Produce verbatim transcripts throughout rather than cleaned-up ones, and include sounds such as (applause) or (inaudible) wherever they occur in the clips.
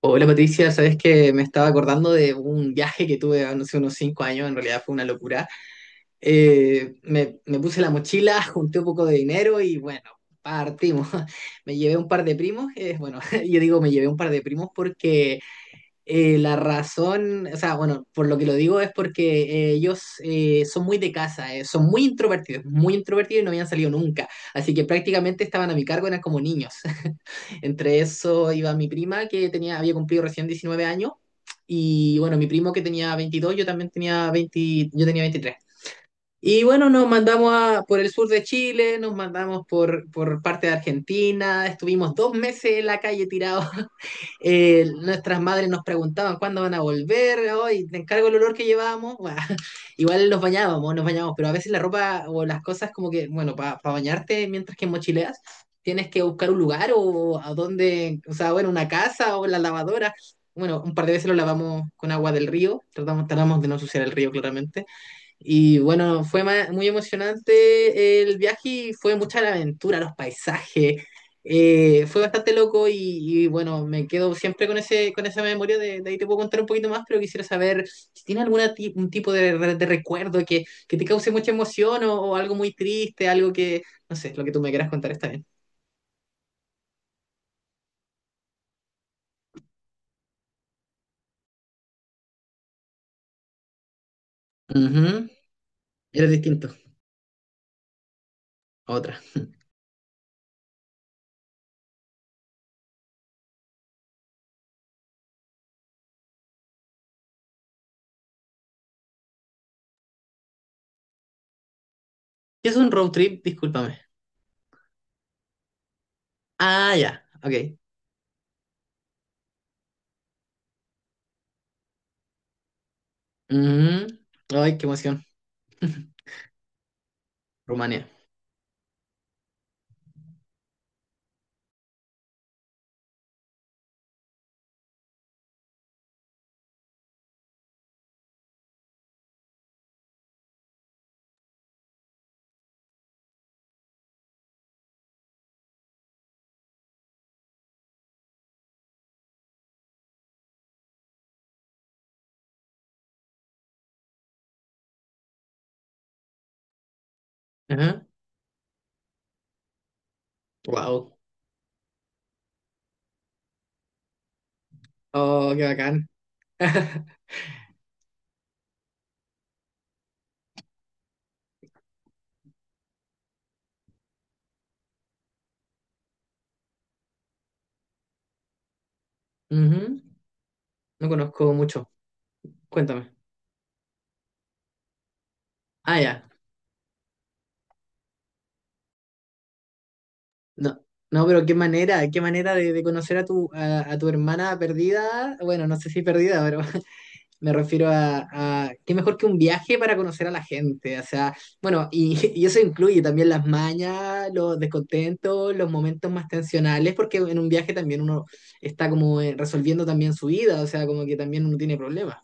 Hola Patricia, sabes que me estaba acordando de un viaje que tuve hace unos cinco años, en realidad fue una locura. Eh, me, me puse la mochila, (laughs) junté un poco de dinero y bueno, partimos. (laughs) Me llevé un par de primos, eh, bueno, (laughs) yo digo me llevé un par de primos porque eh, la razón, o sea, bueno, por lo que lo digo es porque eh, ellos eh, son muy de casa, eh, son muy introvertidos, muy introvertidos y no habían salido nunca. Así que prácticamente estaban a mi cargo, eran como niños. Entre eso iba mi prima, que tenía, había cumplido recién diecinueve años, y bueno, mi primo que tenía veintidós, yo también tenía veinte, yo tenía veintitrés. Y bueno, nos mandamos a- por el sur de Chile, nos mandamos por, por parte de Argentina, estuvimos dos meses en la calle tirados. Eh, nuestras madres nos preguntaban cuándo van a volver, hoy te encargo el olor que llevábamos. Bueno, (laughs) igual nos bañábamos, nos bañábamos, pero a veces la ropa o las cosas como que, bueno, para bañarte mientras que mochileas, tienes que buscar un lugar o a donde o sea, bueno, una casa o la lavadora. Bueno, un par de veces lo lavamos con agua del río, tratamos, tratamos de no ensuciar el río claramente. Y bueno, fue ma- muy emocionante el viaje y fue mucha la aventura, los paisajes. Eh, fue bastante loco, y, y bueno, me quedo siempre con ese, con esa memoria. De, de ahí te puedo contar un poquito más, pero quisiera saber si tiene algún tipo de, re- de recuerdo que, que te cause mucha emoción o, o algo muy triste, algo que, no sé, lo que tú me quieras contar está bien. Ujú. Era distinto. Otra. ¿Qué es un road trip? Discúlpame. Ah, ya, ok. Ujú. Ay, qué emoción. (laughs) Rumania. Ajá. Wow. Oh, qué bacán. Ujú. No conozco mucho. Cuéntame. Ah, ya. No, no, pero qué manera, qué manera de, de conocer a tu, a, a tu hermana perdida. Bueno, no sé si perdida, pero (laughs) me refiero a, a qué mejor que un viaje para conocer a la gente. O sea, bueno, y, (laughs) y eso incluye también las mañas, los descontentos, los momentos más tensionales, porque en un viaje también uno está como eh, resolviendo también su vida, o sea, como que también uno tiene problemas.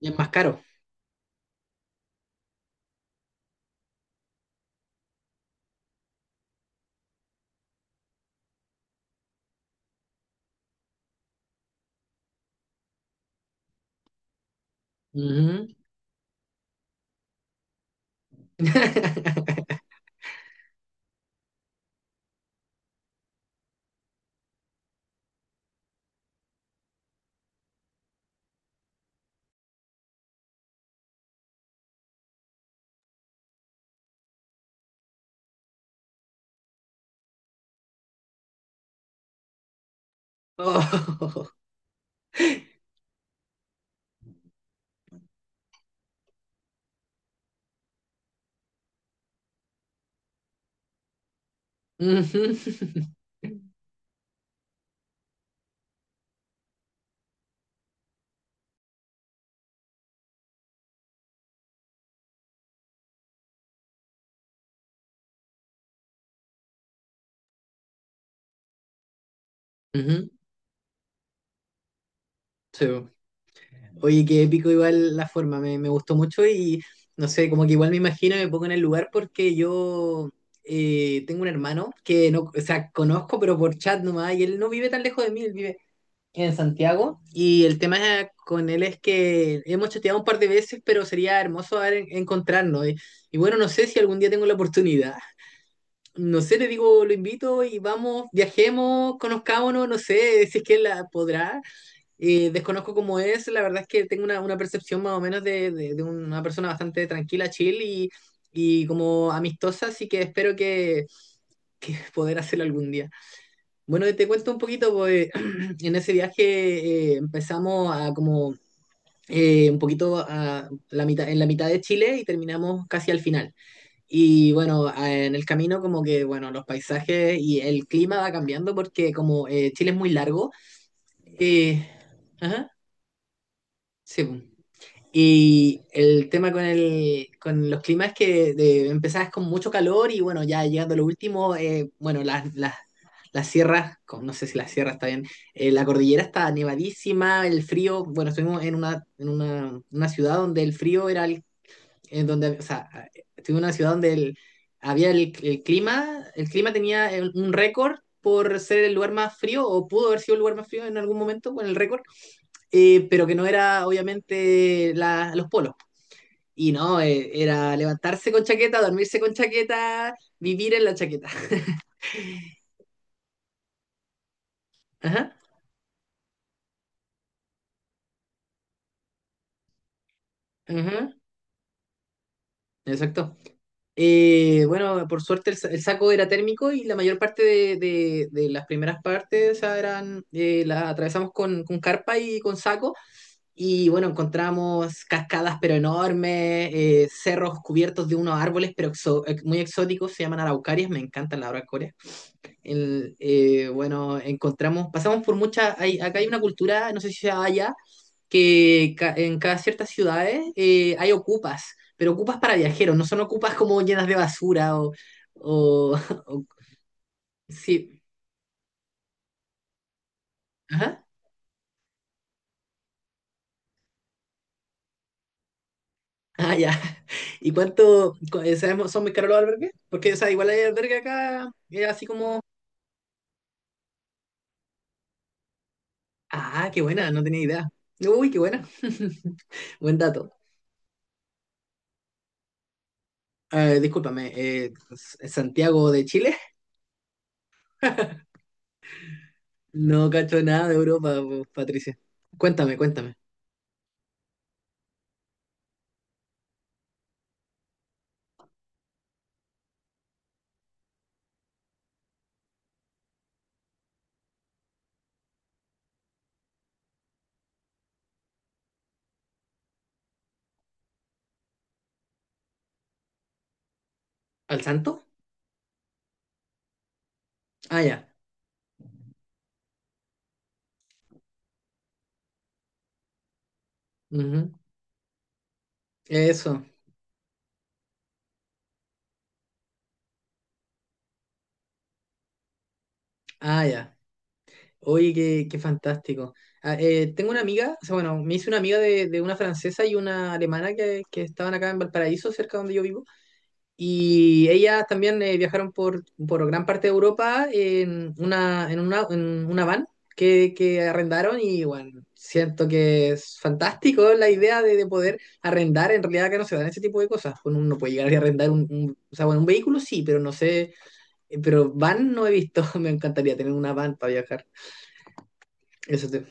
Y es más caro. Ujú. (laughs) Oh. Ujú, (laughs) ujú, sí, bo. Oye, qué épico igual la forma, me, me gustó mucho y no sé, como que igual me imagino, me pongo en el lugar porque yo eh, tengo un hermano que no, o sea, conozco, pero por chat nomás, y él no vive tan lejos de mí, él vive en Santiago y el tema es- con él es que hemos chateado un par de veces, pero sería hermoso haber- encontrarnos. Y, y bueno, no sé si algún día tengo la oportunidad. No sé, le digo, lo invito y vamos, viajemos, conozcámonos, no sé si es que él la podrá. Eh, desconozco cómo es, la verdad es que tengo una, una percepción más o menos de, de- de una persona bastante tranquila, chill y, y como amistosa, así que espero que, que (laughs) poder hacerlo algún día. Bueno, te cuento un poquito, pues (clears throat) en ese viaje eh, empezamos a como eh, un poquito a la mitad, en la mitad de Chile y terminamos casi al final. Y bueno, a- en el camino como que, bueno, los paisajes y el clima va cambiando porque como eh, Chile es muy largo. eh, ajá, sí, pues. Y el tema con, el, con los climas es que de, empezás con mucho calor y bueno, ya llegando a lo último, eh, bueno, las, las, las sierras, con- no sé si la sierra está bien, eh, la cordillera está nevadísima, el frío, bueno, estuvimos en una, en una, una ciudad donde el frío era el, en donde, o sea, estuvimos en una ciudad donde el- había el, el clima, el clima tenía el- un récord por ser el lugar más frío, o pudo haber sido el lugar más frío en algún momento con el récord, eh, pero que no era obviamente la- los polos. Y no, eh, era levantarse con chaqueta, dormirse con chaqueta, vivir en la chaqueta. (laughs) Ajá, ajá, exacto. Eh, bueno, por suerte el, sa- el saco era térmico y la mayor parte de, de- de las primeras partes, o sea, eran, eh, las atravesamos con, con carpa y con saco. Y bueno, encontramos cascadas pero enormes, eh, cerros cubiertos de unos árboles pero exo- eh, muy exóticos, se llaman araucarias, me encantan las araucarias el, eh, bueno, encontramos, pasamos por muchas, hay- acá hay una cultura, no sé si sea allá, que ca- en cada ciertas ciudades eh, hay ocupas, pero ocupas para viajeros, no son ocupas como llenas de basura o, o, (laughs) o- sí, ajá, ah, ya. (laughs) ¿Y cuánto, cu- eh, sabemos, son muy caros los albergues? Porque, o sea, igual hay albergue acá, eh, así como, ah, qué buena, no tenía idea. Uy, qué buena. (laughs) Buen dato. Eh, discúlpame, eh, S- Santiago de Chile. (laughs) No cacho nada de Europa, po, Patricia. Cuéntame, cuéntame. ¿Al santo? Ah, ya. Ujú. Eso. Ah, ya. Oye, qué, qué fantástico. Ah, eh, tengo una amiga, o sea, bueno, me hice una amiga de, de una francesa y una alemana que, que estaban acá en Valparaíso, cerca donde yo vivo. Y ellas también eh, viajaron por, por gran parte de Europa en una, en una, en una van que, que arrendaron y bueno, siento que es fantástico la idea de, de poder arrendar, en realidad que no se dan ese tipo de cosas, uno no puede llegar a arrendar un, un- o sea, bueno, un vehículo sí, pero no sé, eh, pero van no he visto, (laughs) me encantaría tener una van para viajar. Eso te...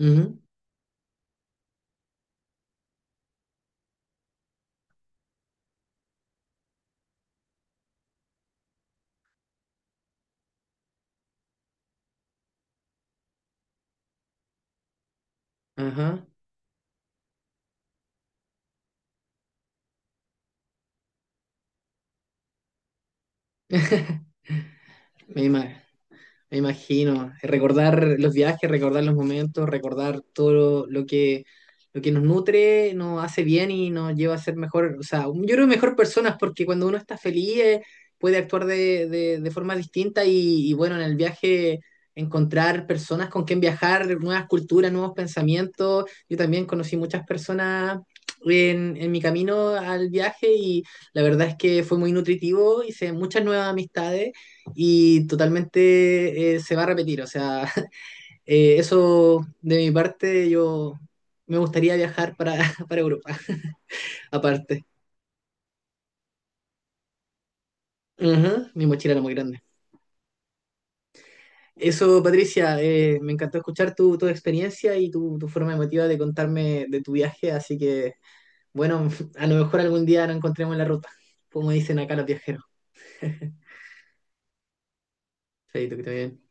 Ujú. Ajá. (laughs) Me imagino. Me imagino. Recordar los viajes, recordar los momentos, recordar todo lo, lo que, lo que nos nutre, nos hace bien y nos lleva a ser mejor, o sea, yo creo mejor personas porque cuando uno está feliz eh, puede actuar de, de, de forma distinta y, y bueno, en el viaje encontrar personas con quien viajar, nuevas culturas, nuevos pensamientos. Yo también conocí muchas personas en, en mi camino al viaje y la verdad es que fue muy nutritivo, hice muchas nuevas amistades y totalmente eh, se va a repetir. O sea, (laughs) eh, eso de mi parte, yo me gustaría viajar para, (laughs) para Europa, (laughs) aparte. Ujú, mi mochila era muy grande. Eso, Patricia, eh, me encantó escuchar tu, tu experiencia y tu, tu forma emotiva de contarme de tu viaje, así que, bueno, (laughs) a lo mejor algún día nos encontremos en la ruta, como dicen acá los viajeros. Chaito, que esté bien.